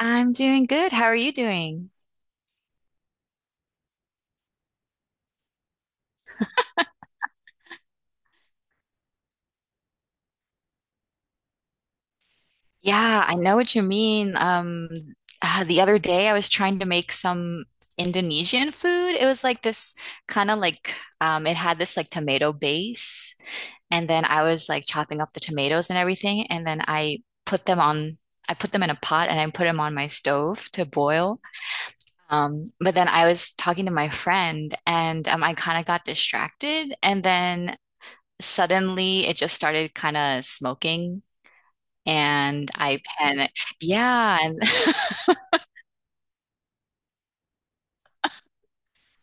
I'm doing good. How are you doing? Yeah, I know what you mean. The other day I was trying to make some Indonesian food. It was like this kind of like it had this like tomato base, and then I was like chopping up the tomatoes and everything, and then I put them on. I put them in a pot and I put them on my stove to boil. But then I was talking to my friend and I kind of got distracted, and then suddenly it just started kind of smoking. And I panicked. Yeah, and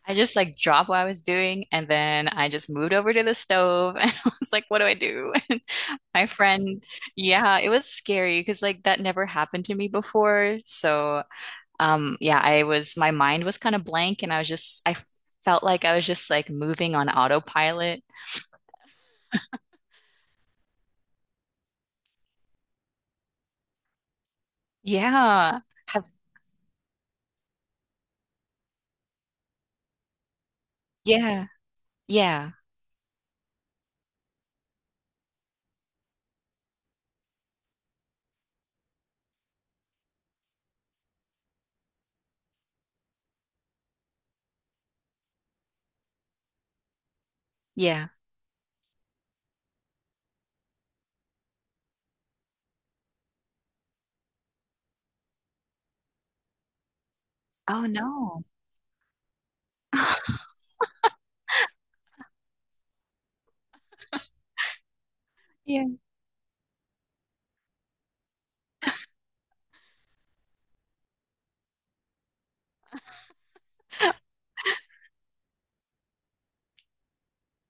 I just like dropped what I was doing and then I just moved over to the stove and I was like, what do I do? And my friend, yeah, it was scary because like that never happened to me before. So, yeah, I was my mind was kind of blank and I was just I felt like I was just like moving on autopilot. Yeah. Have yeah. Yeah. Yeah. Oh no. Yeah.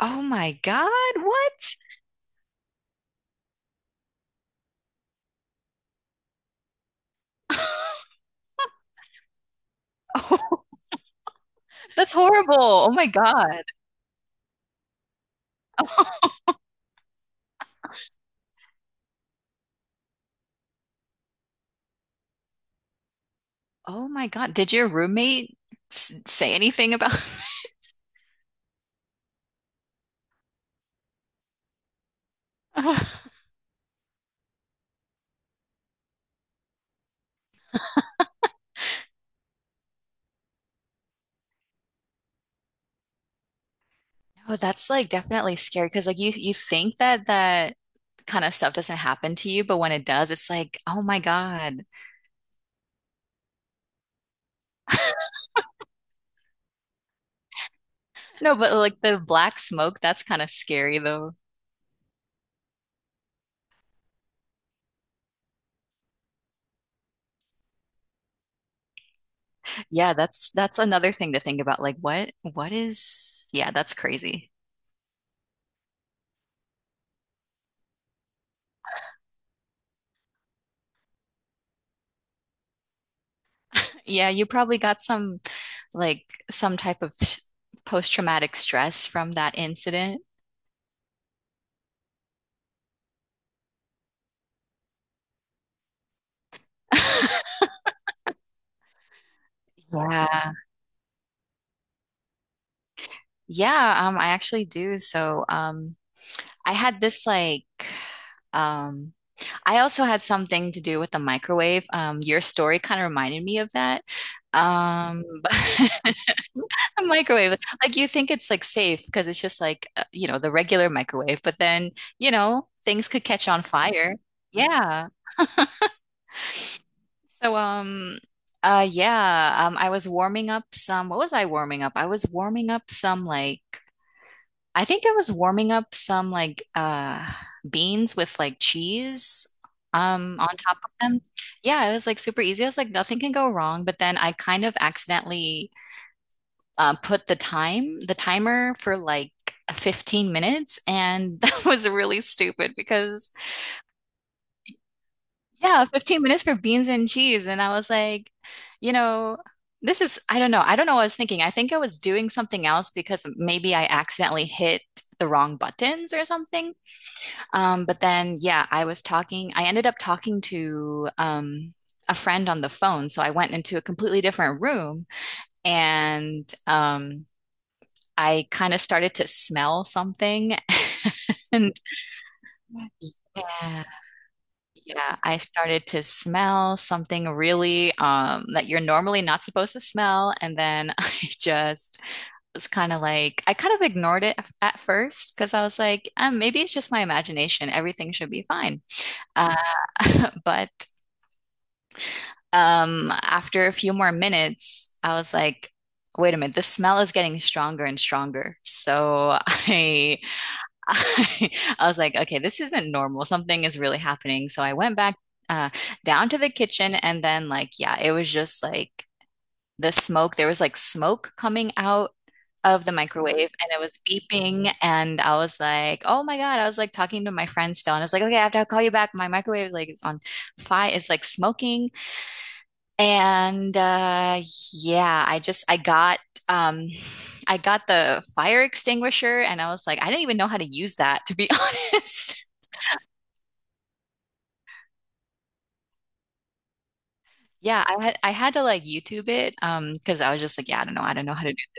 Oh my God, what? Oh. That's horrible. Oh my God. Oh my God. Did your roommate s say anything about Oh, that's like definitely scary because like you think that that kind of stuff doesn't happen to you, but when it does, it's like, oh my God. No, but like the black smoke, that's kind of scary though. Yeah, that's another thing to think about. Like what is yeah, that's crazy. Yeah, you probably got some like some type of s- post-traumatic stress from that incident. Yeah. Yeah, I actually do. So, I had this like, um, I also had something to do with the microwave. Your story kind of reminded me of that. But a microwave, like you think it's like safe because it's just like, you know, the regular microwave, but then, you know, things could catch on fire. Yeah. So, yeah, I was warming up what was I warming up? I was warming up some like I was warming up some like beans with like cheese on top of them. Yeah, it was like super easy. I was like, nothing can go wrong. But then I kind of accidentally put the timer for like 15 minutes, and that was really stupid because yeah, 15 minutes for beans and cheese. And I was like, you know, I don't know. I don't know what I was thinking. I think I was doing something else because maybe I accidentally hit the wrong buttons or something. But then, yeah, I ended up talking to a friend on the phone. So I went into a completely different room and I kind of started to smell something. And yeah, yeah, I started to smell something really that you're normally not supposed to smell. And then I just was kind of like, I kind of ignored it at first because I was like, maybe it's just my imagination. Everything should be fine. Uh, but after a few more minutes, I was like, wait a minute, the smell is getting stronger and stronger. So I, I was like, okay, this isn't normal. Something is really happening. So I went back uh, down to the kitchen and then like, yeah, it was just like the smoke. There was like smoke coming out of the microwave and it was beeping and I was like, oh my God. I was like talking to my friend still and I was like, okay, I have to call you back. My microwave like is on fire. It's like smoking and yeah, um I got the fire extinguisher and I was like, I didn't even know how to use that to be honest. Yeah, I had to like YouTube it because I was just like, yeah, I don't know how to do it.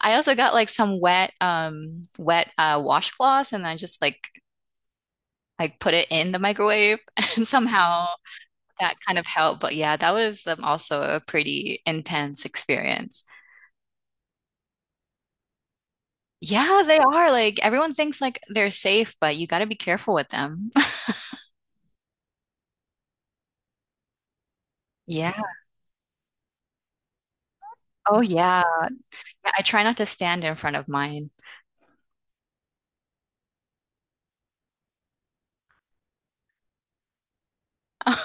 I also got like some wet washcloths and I just like put it in the microwave and somehow that kind of helped. But yeah, that was also a pretty intense experience. Yeah, they are. Like everyone thinks like they're safe, but you got to be careful with them. Yeah. Oh, yeah. Yeah, I try not to stand in front of mine.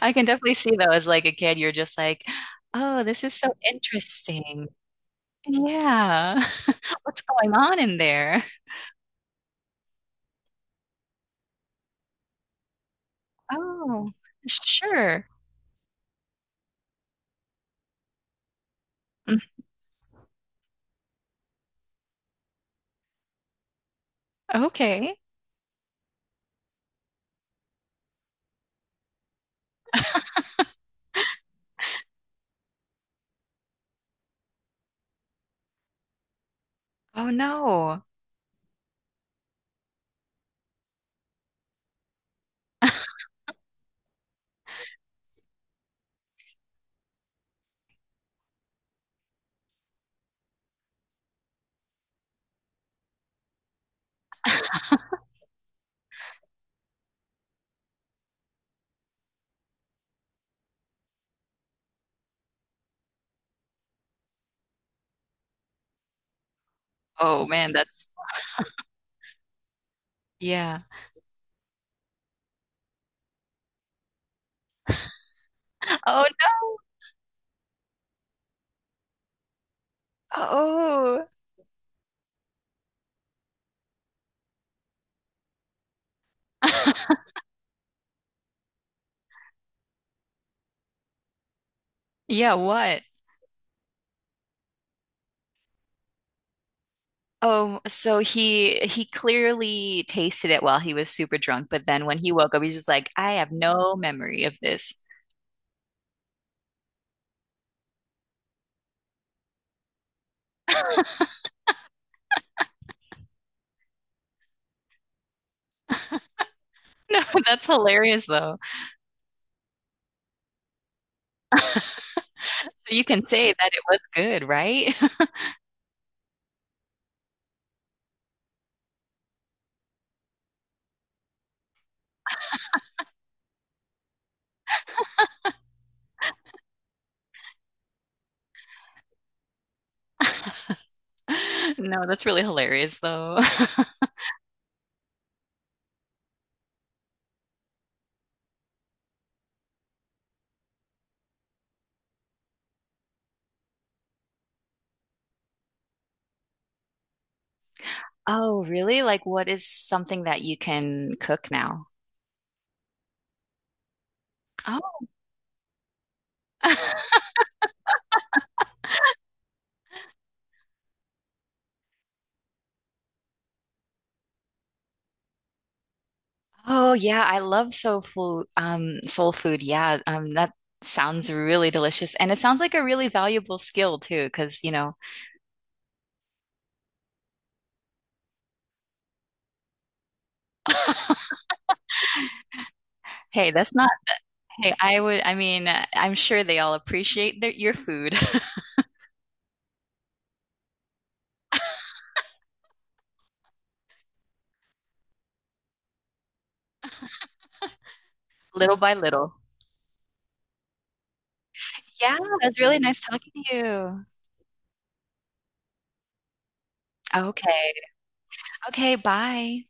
I can definitely see though, as like a kid, you're just like, oh, this is so interesting. Yeah. What's going on in there? Oh, sure. Mm, okay. Oh no. Oh man, that's yeah. Oh no. Oh. Yeah, what? Oh, so he clearly tasted it while he was super drunk, but then when he woke up, he's just like, I have no memory of this. No, that's hilarious though. So you can say that it was good, right? No, that's really hilarious though. Oh, really? Like what is something that you can cook now? Oh. Oh yeah, I love soul food. Soul food. Yeah, that sounds really delicious, and it sounds like a really valuable skill too. Because you know, hey, that's not Hey, I mean, I'm sure they all appreciate your food little by little. Yeah, it's really nice talking to you. Okay. Okay, bye.